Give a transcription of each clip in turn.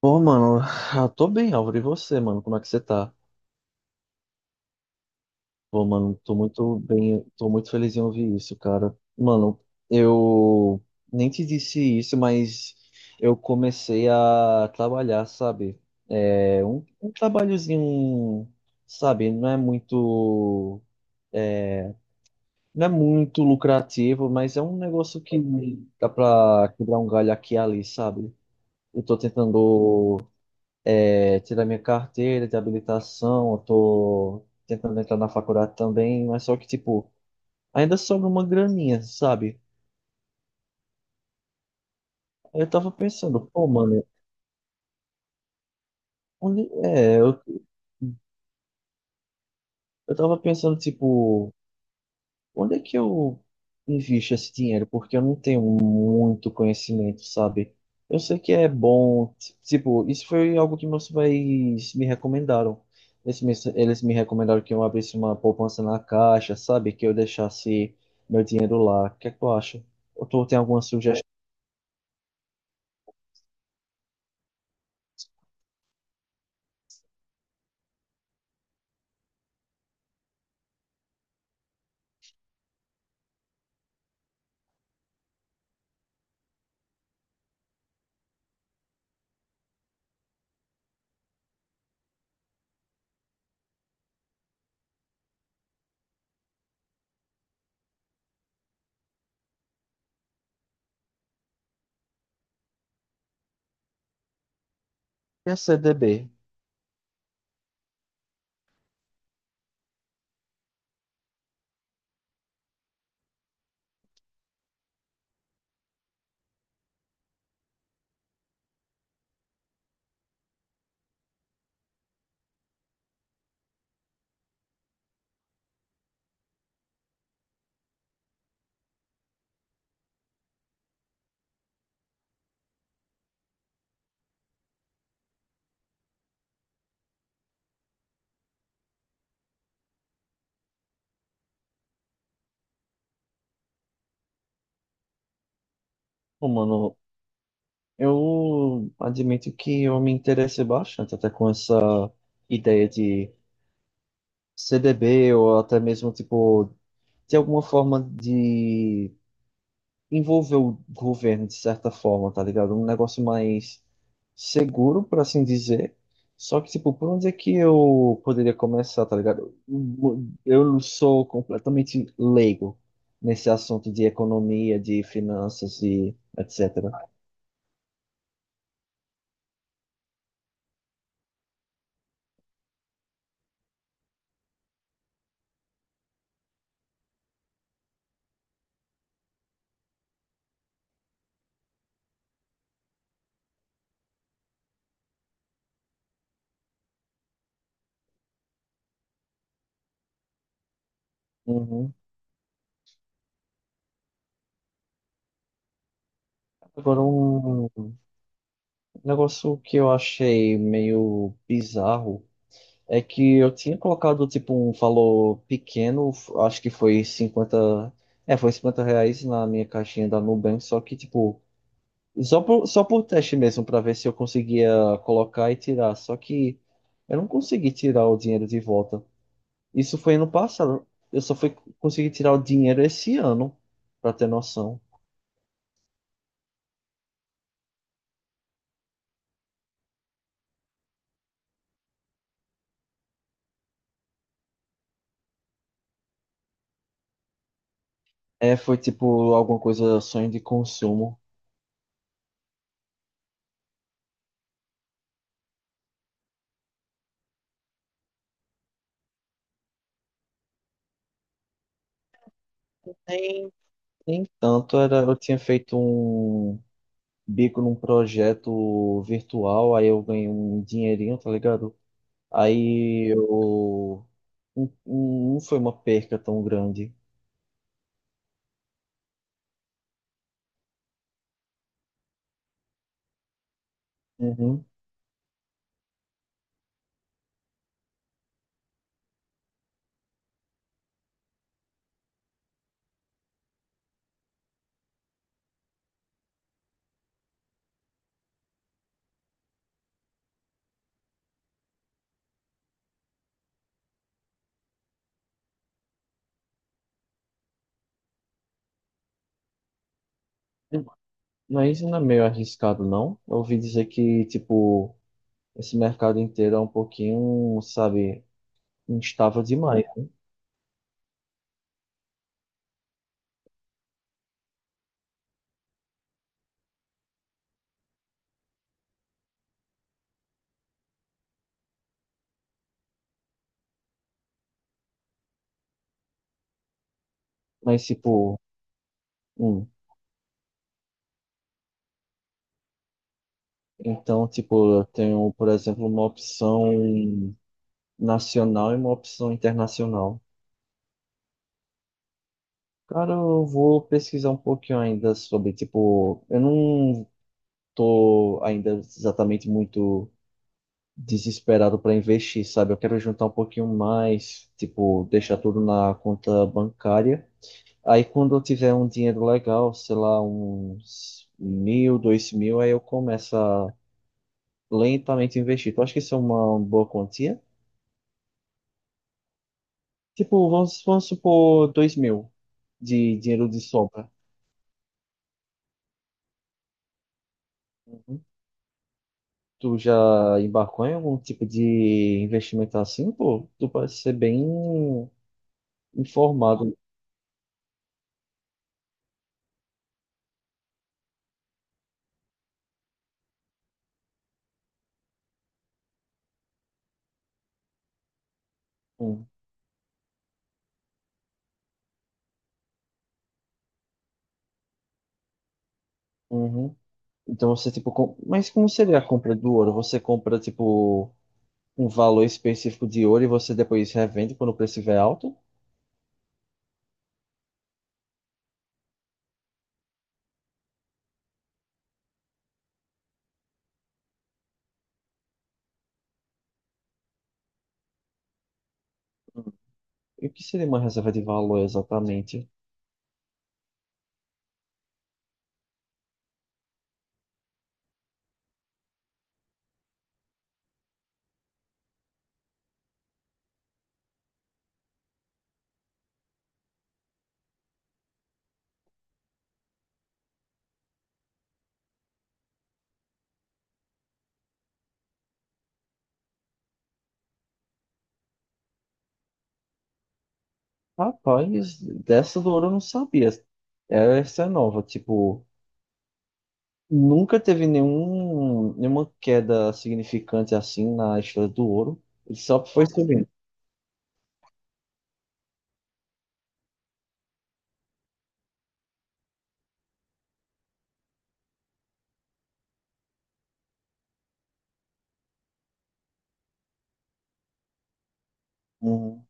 Pô, mano, eu tô bem, Álvaro. E você, mano? Como é que você tá? Pô, mano, tô muito bem, tô muito feliz em ouvir isso, cara. Mano, eu nem te disse isso, mas eu comecei a trabalhar, sabe? É um trabalhozinho, sabe? Não é muito, é, não é muito lucrativo, mas é um negócio que dá pra quebrar um galho aqui e ali, sabe? Eu tô tentando. É, tirar minha carteira de habilitação, eu tô tentando entrar na faculdade também, mas só que, tipo, ainda sobra uma graninha, sabe? Aí eu tava pensando, pô, mano, onde é? Eu tava pensando, tipo, onde é que eu invisto esse dinheiro? Porque eu não tenho muito conhecimento, sabe? Eu sei que é bom. Tipo, isso foi algo que meus pais me recomendaram. Eles me recomendaram que eu abrisse uma poupança na Caixa, sabe? Que eu deixasse meu dinheiro lá. O que é que tu acha? Ou tu tem alguma sugestão? E a CDB? Pô, mano, eu admito que eu me interessei bastante até com essa ideia de CDB ou até mesmo, tipo, de alguma forma de envolver o governo de certa forma, tá ligado? Um negócio mais seguro, por assim dizer. Só que, tipo, por onde é que eu poderia começar, tá ligado? Eu sou completamente leigo nesse assunto de economia, de finanças e etc. Uhum. Agora, um negócio que eu achei meio bizarro é que eu tinha colocado, tipo, um valor pequeno, acho que foi 50. É, foi R$ 50 na minha caixinha da Nubank, só que, tipo, só por teste mesmo, pra ver se eu conseguia colocar e tirar. Só que eu não consegui tirar o dinheiro de volta. Isso foi ano passado. Eu só fui conseguir tirar o dinheiro esse ano, pra ter noção. É, foi, tipo, alguma coisa, sonho de consumo. Nem, nem tanto, era, eu tinha feito um bico num projeto virtual, aí eu ganhei um dinheirinho, tá ligado? Aí eu. Não, não foi uma perca tão grande. Uhum. Mas não é meio arriscado, não? Eu ouvi dizer que, tipo, esse mercado inteiro é um pouquinho, sabe, instável demais. Mas, tipo, hum. Então, tipo, eu tenho, por exemplo, uma opção nacional e uma opção internacional. Cara, eu vou pesquisar um pouquinho ainda sobre, tipo, eu não tô ainda exatamente muito desesperado para investir, sabe? Eu quero juntar um pouquinho mais, tipo, deixar tudo na conta bancária. Aí quando eu tiver um dinheiro legal, sei lá, uns 1.000, 2.000, aí eu começo a lentamente investir. Tu acha que isso é uma boa quantia? Tipo, vamos supor 2.000 de dinheiro de sobra. Tu já embarcou em algum tipo de investimento assim, pô? Tu parece ser bem informado. Hum. Uhum. Então você, tipo, com... mas como seria a compra do ouro? Você compra, tipo, um valor específico de ouro e você depois revende quando o preço estiver alto? Hum. E o que seria uma reserva de valor exatamente? Rapaz, dessa do ouro eu não sabia. Essa é nova, tipo, nunca teve nenhum, nenhuma queda significante assim na história do ouro. Ele só foi subindo. Hum,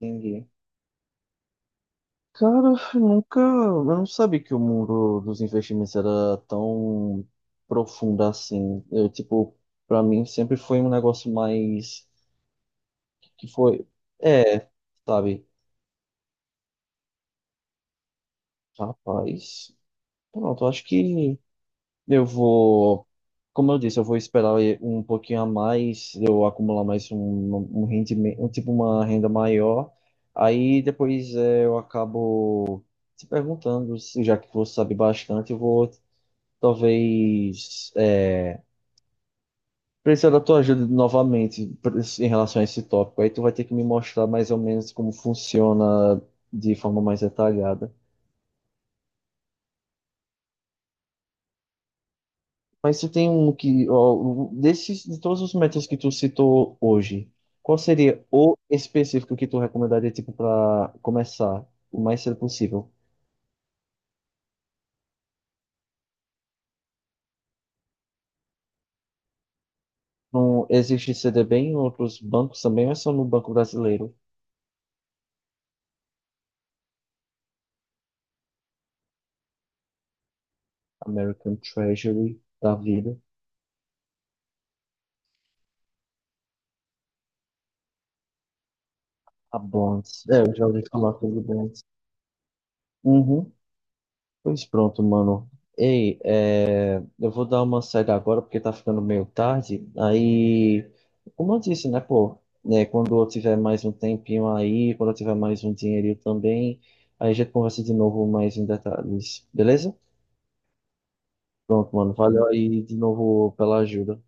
entendi. Cara, eu nunca. Eu não sabia que o mundo dos investimentos era tão profundo assim. Eu, tipo, pra mim sempre foi um negócio mais. Que foi. É, sabe? Rapaz. Pronto, eu acho que eu vou. Como eu disse, eu vou esperar um pouquinho a mais, eu acumular mais um rendimento, um, tipo, uma renda maior. Aí depois é, eu acabo se perguntando, já que você sabe bastante, eu vou. Talvez é, precisar da tua ajuda novamente em relação a esse tópico. Aí tu vai ter que me mostrar mais ou menos como funciona de forma mais detalhada. Mas se tem um que, ó, desses, de todos os métodos que tu citou hoje, qual seria o específico que tu recomendaria, tipo, para começar o mais cedo possível? Não existe CDB em outros bancos também, ou é só no Banco Brasileiro? American Treasury da vida. A Bonds. É, eu já ouvi falar sobre Bonds. Uhum. Pois pronto, mano. Ei, é, eu vou dar uma saída agora porque tá ficando meio tarde. Aí, como eu disse, né, pô, né, quando eu tiver mais um tempinho aí, quando eu tiver mais um dinheirinho também, aí a gente conversa de novo mais em detalhes, beleza? Pronto, mano. Valeu aí de novo pela ajuda.